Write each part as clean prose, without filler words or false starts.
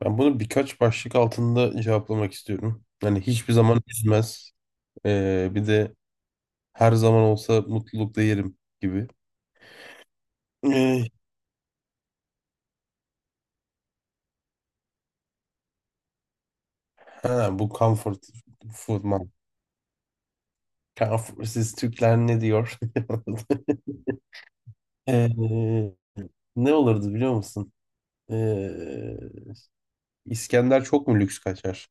Ben bunu birkaç başlık altında cevaplamak istiyorum. Hani hiçbir zaman üzmez. Bir de her zaman olsa mutlulukla yerim gibi. Ee, ha, Bu comfort food man. Comfort, siz Türkler ne diyor? Ee, Ne olurdu biliyor musun? Ee, İskender çok mu lüks kaçar?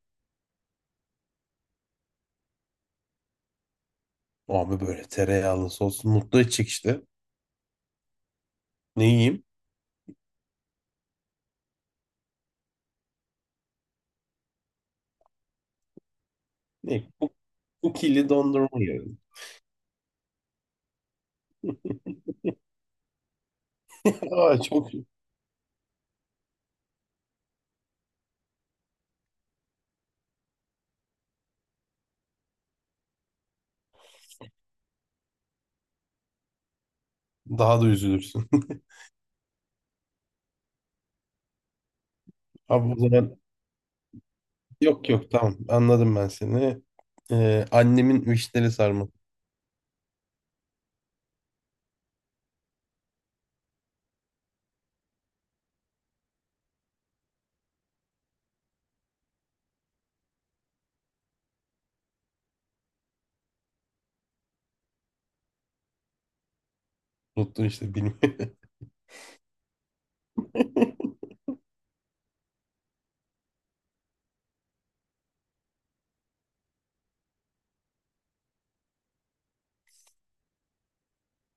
Abi böyle tereyağlı sos mutlu edecek işte. Ne yiyeyim? Ne? Kukili dondurma yiyorum. Aa, çok iyi. Daha da üzülürsün. Abi o zaman yok yok, tamam, anladım ben seni. Annemin vişneli sarma. Unuttum işte, bilmiyorum.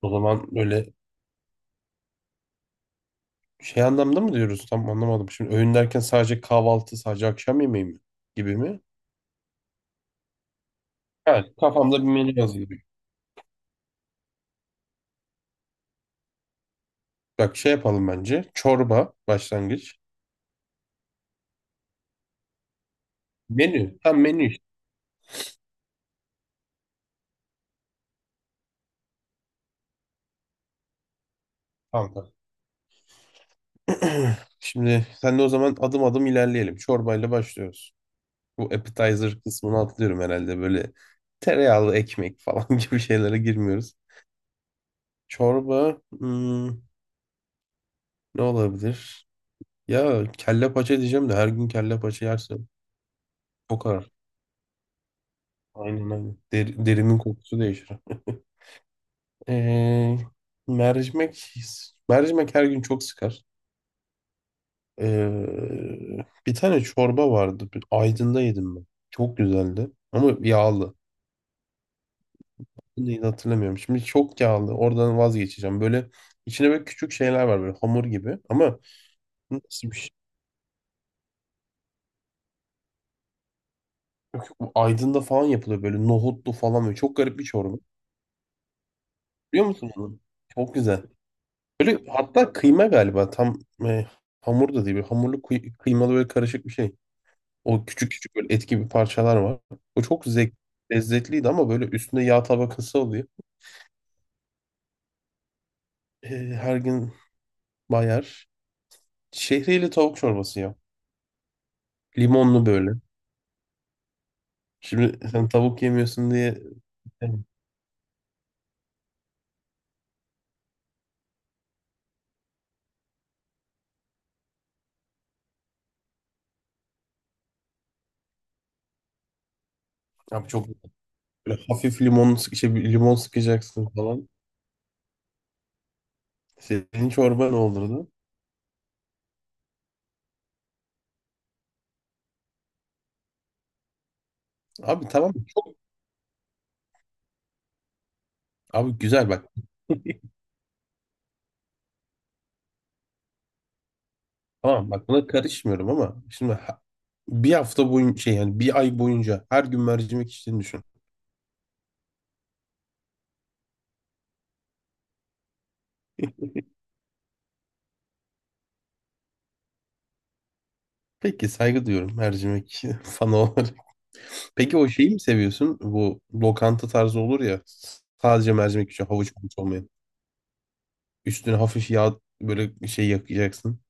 O zaman böyle şey anlamda mı diyoruz? Tam anlamadım. Şimdi öğün derken sadece kahvaltı, sadece akşam yemeği mi? Gibi mi? Evet, kafamda bir menü yazıyor. Bak şey yapalım bence. Çorba başlangıç. Menü. Tam menü işte. Tamam tamam. Şimdi sen de o zaman adım adım ilerleyelim. Çorbayla başlıyoruz. Bu appetizer kısmını atlıyorum herhalde. Böyle tereyağlı ekmek falan gibi şeylere girmiyoruz. Çorba, hmm, ne olabilir? Ya kelle paça diyeceğim de her gün kelle paça yersin. Kokar. Aynen aynen. Derimin kokusu değişir. Ee, mercimek mercimek her gün çok sıkar. Bir tane çorba vardı. Aydın'da yedim ben. Çok güzeldi. Ama yağlı. Neydi hatırlamıyorum. Şimdi çok yağlı. Oradan vazgeçeceğim. Böyle içine böyle küçük şeyler var böyle hamur gibi. Ama nasıl bir... Bu Aydın'da falan yapılıyor böyle nohutlu falan böyle çok garip bir çorba. Biliyor musun onu? Çok güzel. Böyle hatta kıyma galiba tam, e, hamur da değil, böyle hamurlu, kıymalı, böyle karışık bir şey. O küçük küçük böyle et gibi parçalar var. O çok zevk, lezzetliydi ama böyle üstünde yağ tabakası oluyor. E, Her gün bayar. Şehriyeli tavuk çorbası ya. Limonlu böyle. Şimdi sen tavuk yemiyorsun diye e, abi çok böyle hafif limon, bir limon sıkacaksın falan. Senin çorba ne olurdu? Abi tamam. Abi güzel bak. Tamam bak buna karışmıyorum ama şimdi bir hafta boyunca şey, yani bir ay boyunca her gün mercimek içtiğini düşün. Peki saygı duyuyorum mercimek fanı olarak. Peki o şeyi mi seviyorsun? Bu lokanta tarzı olur ya, sadece mercimek için, havuç havuç olmayan. Üstüne hafif yağ böyle şey yakacaksın.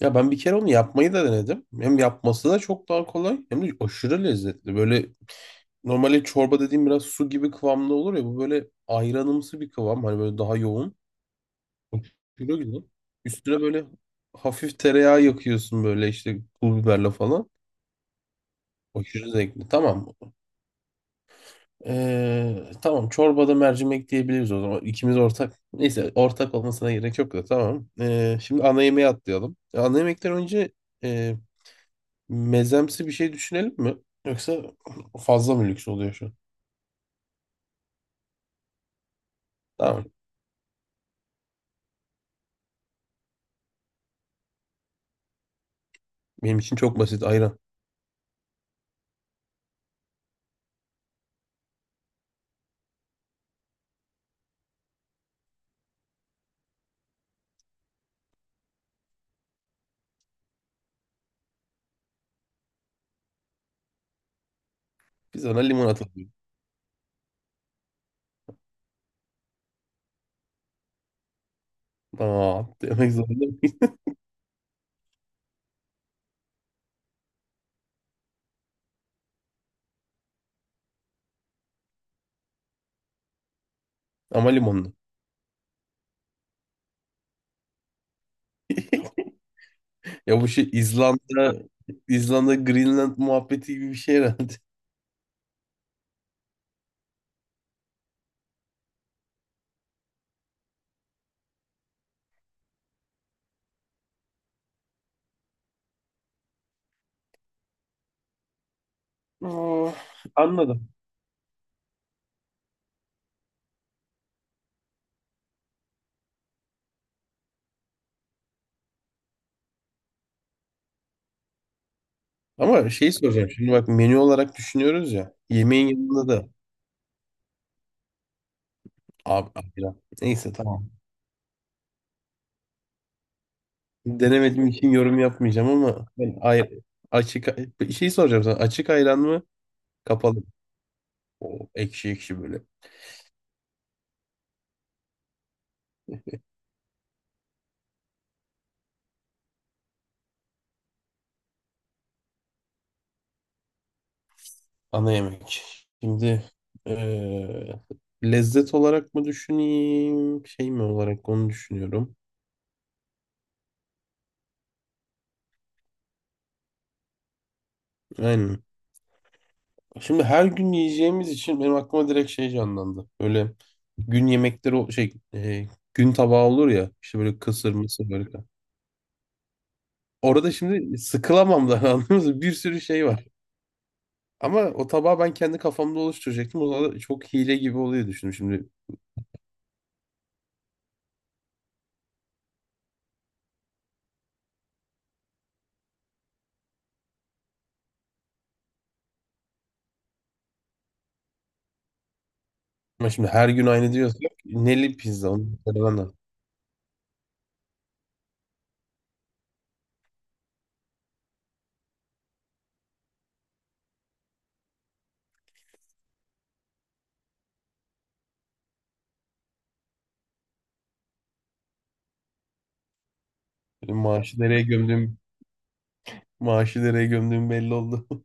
Ya ben bir kere onu yapmayı da denedim. Hem yapması da çok daha kolay hem de aşırı lezzetli. Böyle normalde çorba dediğim biraz su gibi kıvamda olur ya, bu böyle ayranımsı bir kıvam, hani böyle daha yoğun. Bak, kilo güzel. Üstüne böyle hafif tereyağı yakıyorsun böyle işte pul biberle falan. Aşırı zevkli. Tamam. Tamam, çorbada mercimek diyebiliriz o zaman. İkimiz ortak. Neyse, ortak olmasına gerek yok da tamam. Şimdi ana yemeğe atlayalım. Ana yemekten önce e, mezemsi bir şey düşünelim mi? Yoksa fazla mı lüks oluyor şu an? Tamam. Benim için çok basit, ayran. Biz ona limon atalım. Tamam demek zorunda mıyız? Ama limonlu. Ya bu şey İzlanda, İzlanda, Greenland muhabbeti gibi bir şey herhalde. Aa, anladım. Ama şey soracağım. Şimdi bak menü olarak düşünüyoruz ya. Yemeğin yanında da abi, ayran. Neyse tamam. Denemediğim için yorum yapmayacağım ama ben ay, açık şey soracağım sana. Açık ayran mı? Kapalı mı? O ekşi ekşi böyle. Ana yemek. Şimdi, eee, lezzet olarak mı düşüneyim? Şey mi olarak onu düşünüyorum. Aynen. Şimdi her gün yiyeceğimiz için benim aklıma direkt şey canlandı. Böyle gün yemekleri, gün tabağı olur ya işte, böyle kısır mısır böyle. Orada şimdi sıkılamam da anladınız mı? Bir sürü şey var. Ama o tabağı ben kendi kafamda oluşturacaktım. O zaman da çok hile gibi oluyor düşündüm şimdi. Ama şimdi her gün aynı diyorsak neli pizza onu söylemem lazım. Benim maaşı nereye gömdüğüm, maaşı nereye gömdüğüm belli oldu.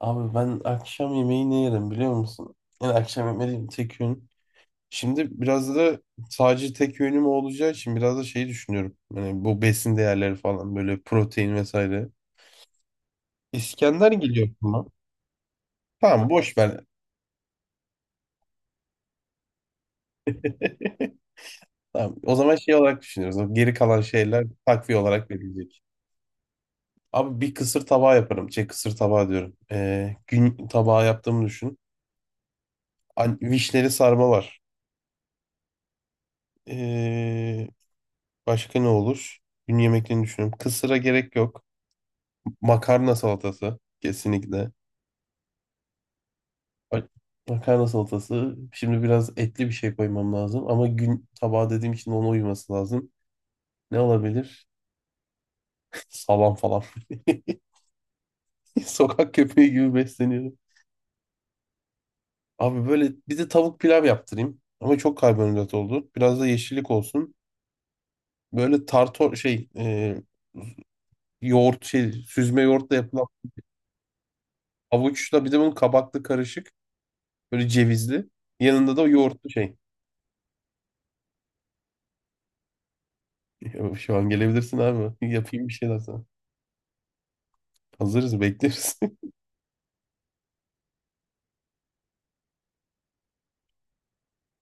Abi ben akşam yemeği ne yerim biliyor musun? Yani akşam yemeği tek öğün. Şimdi biraz da sadece tek yönüm olacağı için biraz da şeyi düşünüyorum. Yani bu besin değerleri falan, böyle protein vesaire. İskender geliyor aklıma. Tamam boş ver. Tamam. O zaman şey olarak düşünüyoruz. O geri kalan şeyler takviye olarak verilecek. Abi bir kısır tabağı yaparım. Şey kısır tabağı diyorum. Gün tabağı yaptığımı düşün. An vişneli sarma var. Ee, Başka ne olur? Gün yemeklerini düşünüyorum. Kısıra gerek yok. Makarna salatası. Kesinlikle. Bak- Makarna salatası. Şimdi biraz etli bir şey koymam lazım. Ama gün tabağı dediğim için ona uyması lazım. Ne olabilir? Salam falan. Sokak köpeği gibi besleniyorum. Abi böyle bir de tavuk pilav yaptırayım. Ama çok karbonhidrat oldu. Biraz da yeşillik olsun. Böyle tartor şey, yoğurt şey, süzme yoğurtla yapılan havuçla, bir de bunun kabaklı karışık. Böyle cevizli. Yanında da yoğurtlu şey. Şu an gelebilirsin abi. Yapayım bir şeyler sana. Hazırız, bekleriz.